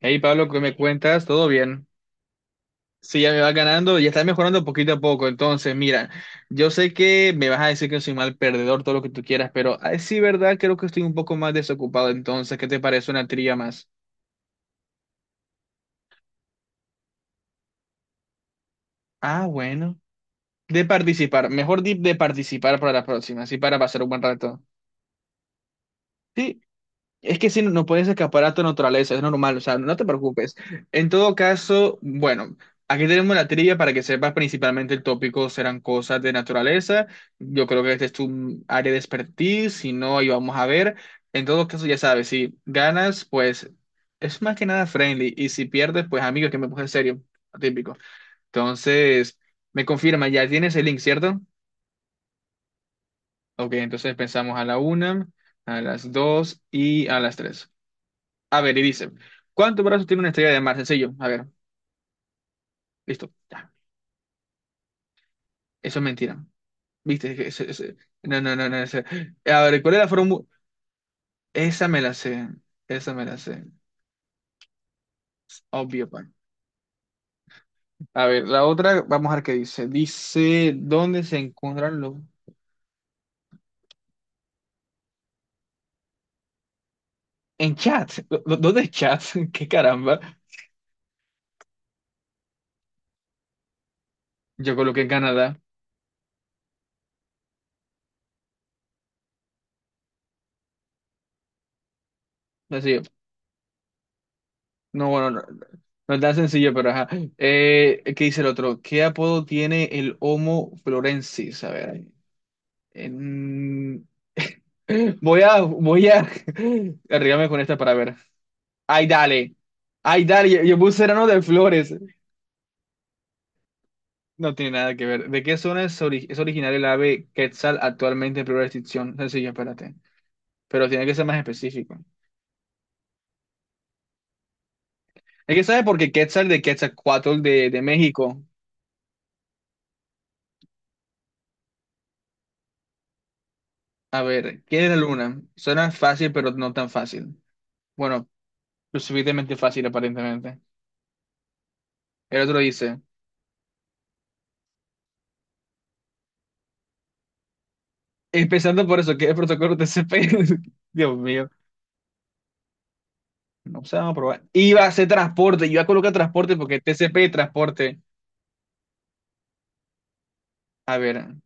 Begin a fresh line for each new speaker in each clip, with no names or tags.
Hey Pablo, ¿qué me cuentas? ¿Todo bien? Sí, ya me va ganando, ya está mejorando poquito a poco. Entonces, mira, yo sé que me vas a decir que soy mal perdedor, todo lo que tú quieras, pero ay, sí, verdad, creo que estoy un poco más desocupado. Entonces, ¿qué te parece una trilla más? Ah, bueno. De participar, mejor di de participar para la próxima, así para pasar un buen rato. Sí, es que si no, no puedes escapar a tu naturaleza, es normal, o sea, no te preocupes. En todo caso, bueno, aquí tenemos la trivia para que sepas principalmente el tópico serán cosas de naturaleza. Yo creo que este es tu área de expertise, si no, ahí vamos a ver. En todo caso, ya sabes, si ganas, pues es más que nada friendly, y si pierdes, pues amigo, que me puse serio, típico. Entonces, me confirma, ya tienes el link, ¿cierto? Ok, entonces pensamos a la una, a las dos y a las tres. A ver, y dice, ¿cuántos brazos tiene una estrella de mar? Sencillo. A ver, listo. Ya. Eso es mentira. ¿Viste? Es que No, no, no, no. A ver, ¿cuál es la fórmula? Esa me la sé. Esa me la sé. Obvio, pan. A ver, la otra, vamos a ver qué dice. Dice, ¿dónde se encuentran los... En chat. ¿Dónde es chat? ¿Qué caramba? Yo coloqué en Canadá. Sencillo. No, bueno, no. No es tan sencillo, pero ajá. ¿Qué dice el otro? ¿Qué apodo tiene el Homo florensis? A ver. Voy a arriesgarme con esta para ver. Ay, dale. Ay, dale. Yo puse serano de flores. No tiene nada que ver. ¿De qué zona es originaria el ave Quetzal actualmente en peligro de extinción? Sencillo, espérate. Pero tiene que ser más específico. Es que sabe porque Quetzal de Quetzalcóatl de México. A ver, ¿quién es la luna? Suena fácil, pero no tan fácil. Bueno, lo suficientemente fácil, aparentemente. El otro dice, empezando por eso, ¿qué es el protocolo TCP? Dios mío. No sé, vamos a probar. Iba a hacer transporte, iba a colocar transporte porque TCP transporte. A ver,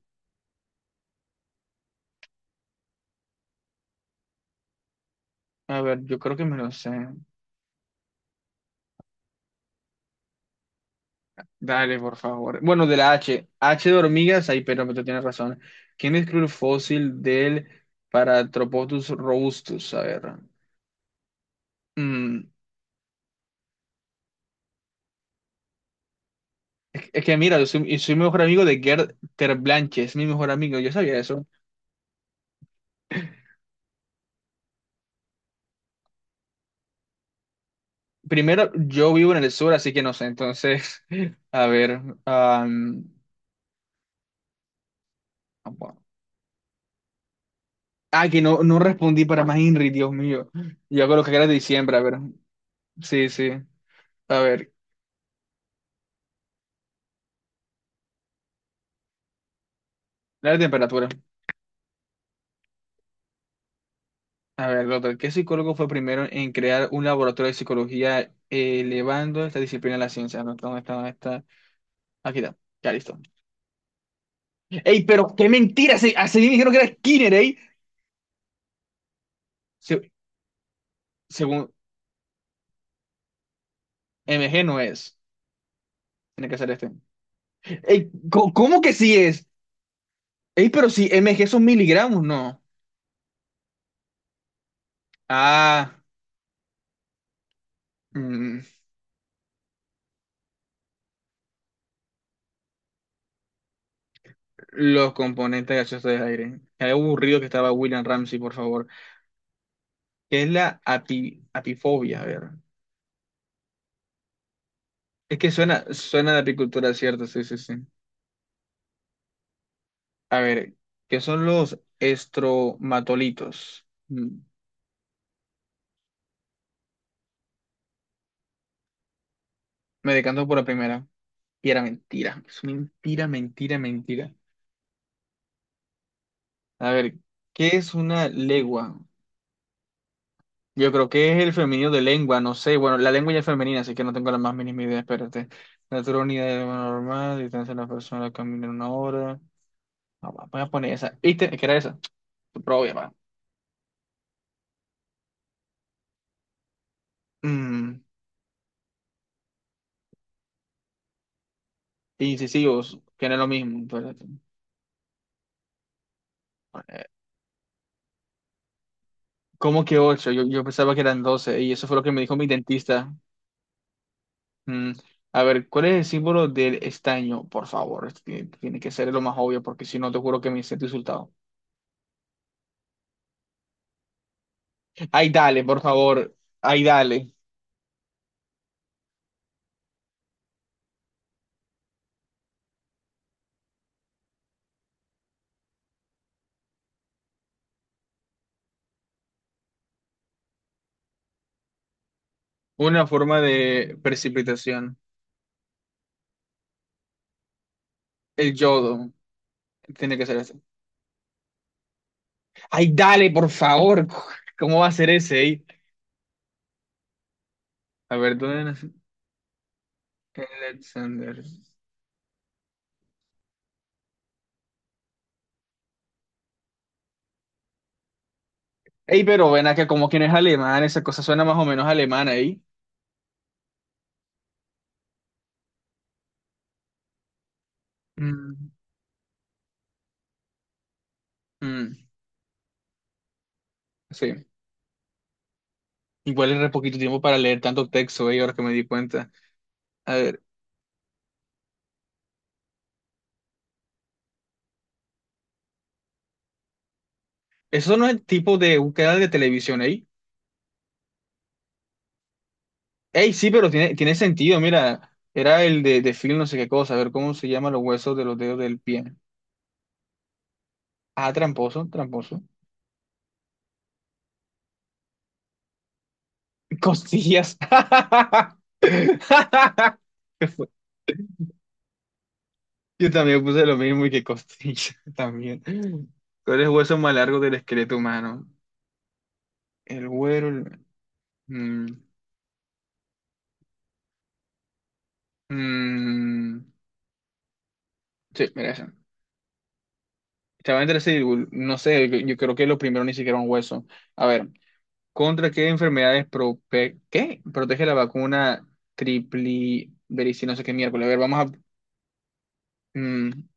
a ver, yo creo que me lo sé. Dale, por favor. Bueno, de la H. H de hormigas, ahí, pero tú tienes razón. ¿Quién describió el fósil del Paratropotus robustus? A ver. mm, es que mira, yo soy mejor amigo de Gerd Terblanche, es mi mejor amigo, yo sabía eso. Primero, yo vivo en el sur, así que no sé, entonces, a ver. Ah, que no, no respondí para más Henry, Dios mío. Yo creo que era de diciembre, a ver. Sí, sí. A ver, la temperatura. A ver, doctor, ¿qué psicólogo fue primero en crear un laboratorio de psicología elevando esta disciplina a la ciencia? ¿No está? ¿Dónde está? ¿Dónde está? Aquí está. Ya listo. ¡Ey, pero qué mentira! Así me dijeron que era Skinner, ¿eh? Se- Según MG no es. Tiene que ser este. ¡Ey, cómo que sí es? ¡Ey, pero si MG son miligramos, no! Ah. mm. Los componentes gaseosos del aire. Qué aburrido que estaba William Ramsey, por favor. ¿Qué es la apifobia? A ver. Es que suena de apicultura, ¿cierto? Sí, sí, sí. A ver, ¿qué son los estromatolitos? Me decanto por la primera. Y era mentira. Es mentira, mentira, mentira. A ver, ¿qué es una legua? Yo creo que es el femenino de lengua, no sé. Bueno, la lengua ya es femenina, así que no tengo la más mínima idea. Espérate. Natural unidad de lo normal, distancia de la persona al caminar una hora. No, va, voy a poner esa. ¿Viste? Que era esa. Pero obvio, va. Mm, Incisivos, que no es lo mismo. ¿Cómo que ocho? Yo pensaba que eran 12 y eso fue lo que me dijo mi dentista. Mm, a ver, ¿cuál es el símbolo del estaño? Por favor, esto tiene que ser lo más obvio porque si no te juro que me siento insultado. Ay, dale, por favor. Ay, dale. Una forma de precipitación. El yodo. Tiene que ser ese. Ay, dale, por favor. ¿Cómo va a ser ese? ¿Eh? A ver, ¿dónde nació Alexander? Ey, pero ven acá, como quien es alemán, esa cosa suena más o menos alemana ahí. Mm, mm, sí. Igual era poquito tiempo para leer tanto texto, ey, ahora que me di cuenta. A ver, eso no es el tipo de búsqueda de televisión, ey. Ey, sí, pero tiene sentido, mira. Era el de film, no sé qué cosa. A ver, ¿cómo se llama los huesos de los dedos del pie? Ah, tramposo, tramposo. Costillas. ¿Qué fue? Yo también puse lo mismo y que costillas también. ¿Cuál es el hueso más largo del esqueleto humano? El güero. Mm, mm, sí, mira esa. Estaba entre sí, no sé, yo creo que lo primero ni siquiera un hueso. A ver, ¿contra qué enfermedades prope- qué? Protege la vacuna triplibericina? No sé qué miércoles. A ver, vamos a... mm,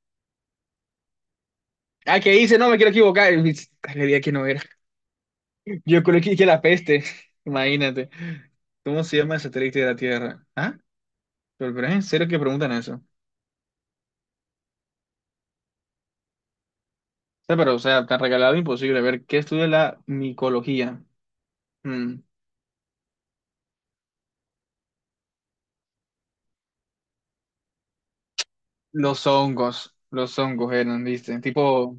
¿Qué hice? No, me quiero equivocar. Le di a que no era. Yo creo que dije la peste. Imagínate. ¿Cómo se llama el satélite de la Tierra? ¿Ah? Pero es en serio que preguntan eso. O sea, pero, o sea, tan regalado imposible. A ver, ¿qué estudia la micología? Mm. Los hongos eran, ¿viste? Tipo,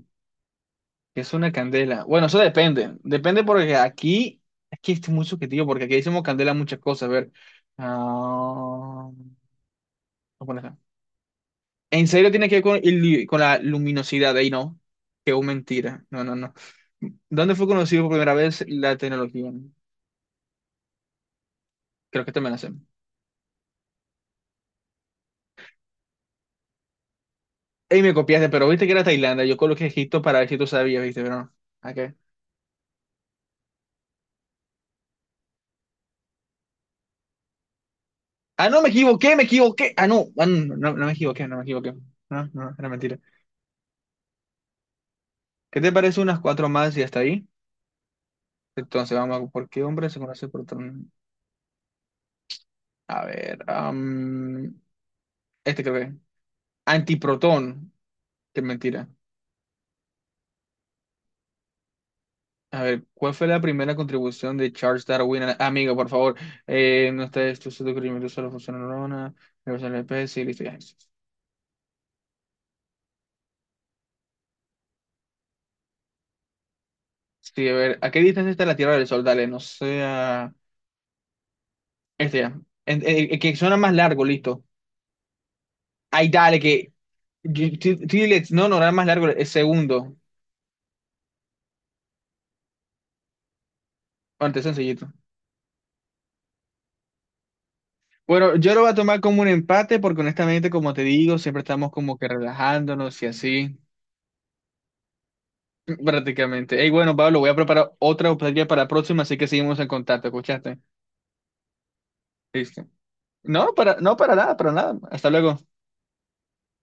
que es una candela. Bueno, eso depende. Depende porque aquí es muy subjetivo, porque aquí decimos candela muchas cosas. A ver. ah, ¿Cómo a poner acá? En serio tiene que ver con, con la luminosidad, ahí no. Qué mentira. No, no, no. ¿Dónde fue conocido por primera vez la tecnología? Creo que te me la sé. Ey, me copiaste, pero viste que era Tailandia. Yo coloqué Egipto para ver si tú sabías, ¿viste? Pero no. Ok. Ah, no, me equivoqué, me equivoqué. Ah, no, ah, no, no, no me equivoqué, no me equivoqué. No, no, era mentira. ¿Qué te parece unas cuatro más y hasta ahí? Entonces, vamos a... ¿Por qué hombre se conoce protón? A ver, este creo que es. Antiprotón. Qué mentira. A ver, ¿cuál fue la primera contribución de Charles Darwin? Amigo, por favor. No está esto, su descubrimiento solo funciona neurona, reversa la especie, listo, ya. Sí, a ver, ¿a qué distancia está la Tierra del Sol? Dale, no sea... Este ya. En que suena más largo, listo. Ay, dale, que T-Lex, no, no, nada más largo, es segundo. Antes sencillito. Bueno, yo lo voy a tomar como un empate porque honestamente, como te digo, siempre estamos como que relajándonos y así, prácticamente. Ey, bueno, Pablo, voy a preparar otra optativa para la próxima, así que seguimos en contacto, ¿escuchaste? Listo. No, para, no, para nada, para nada. Hasta luego.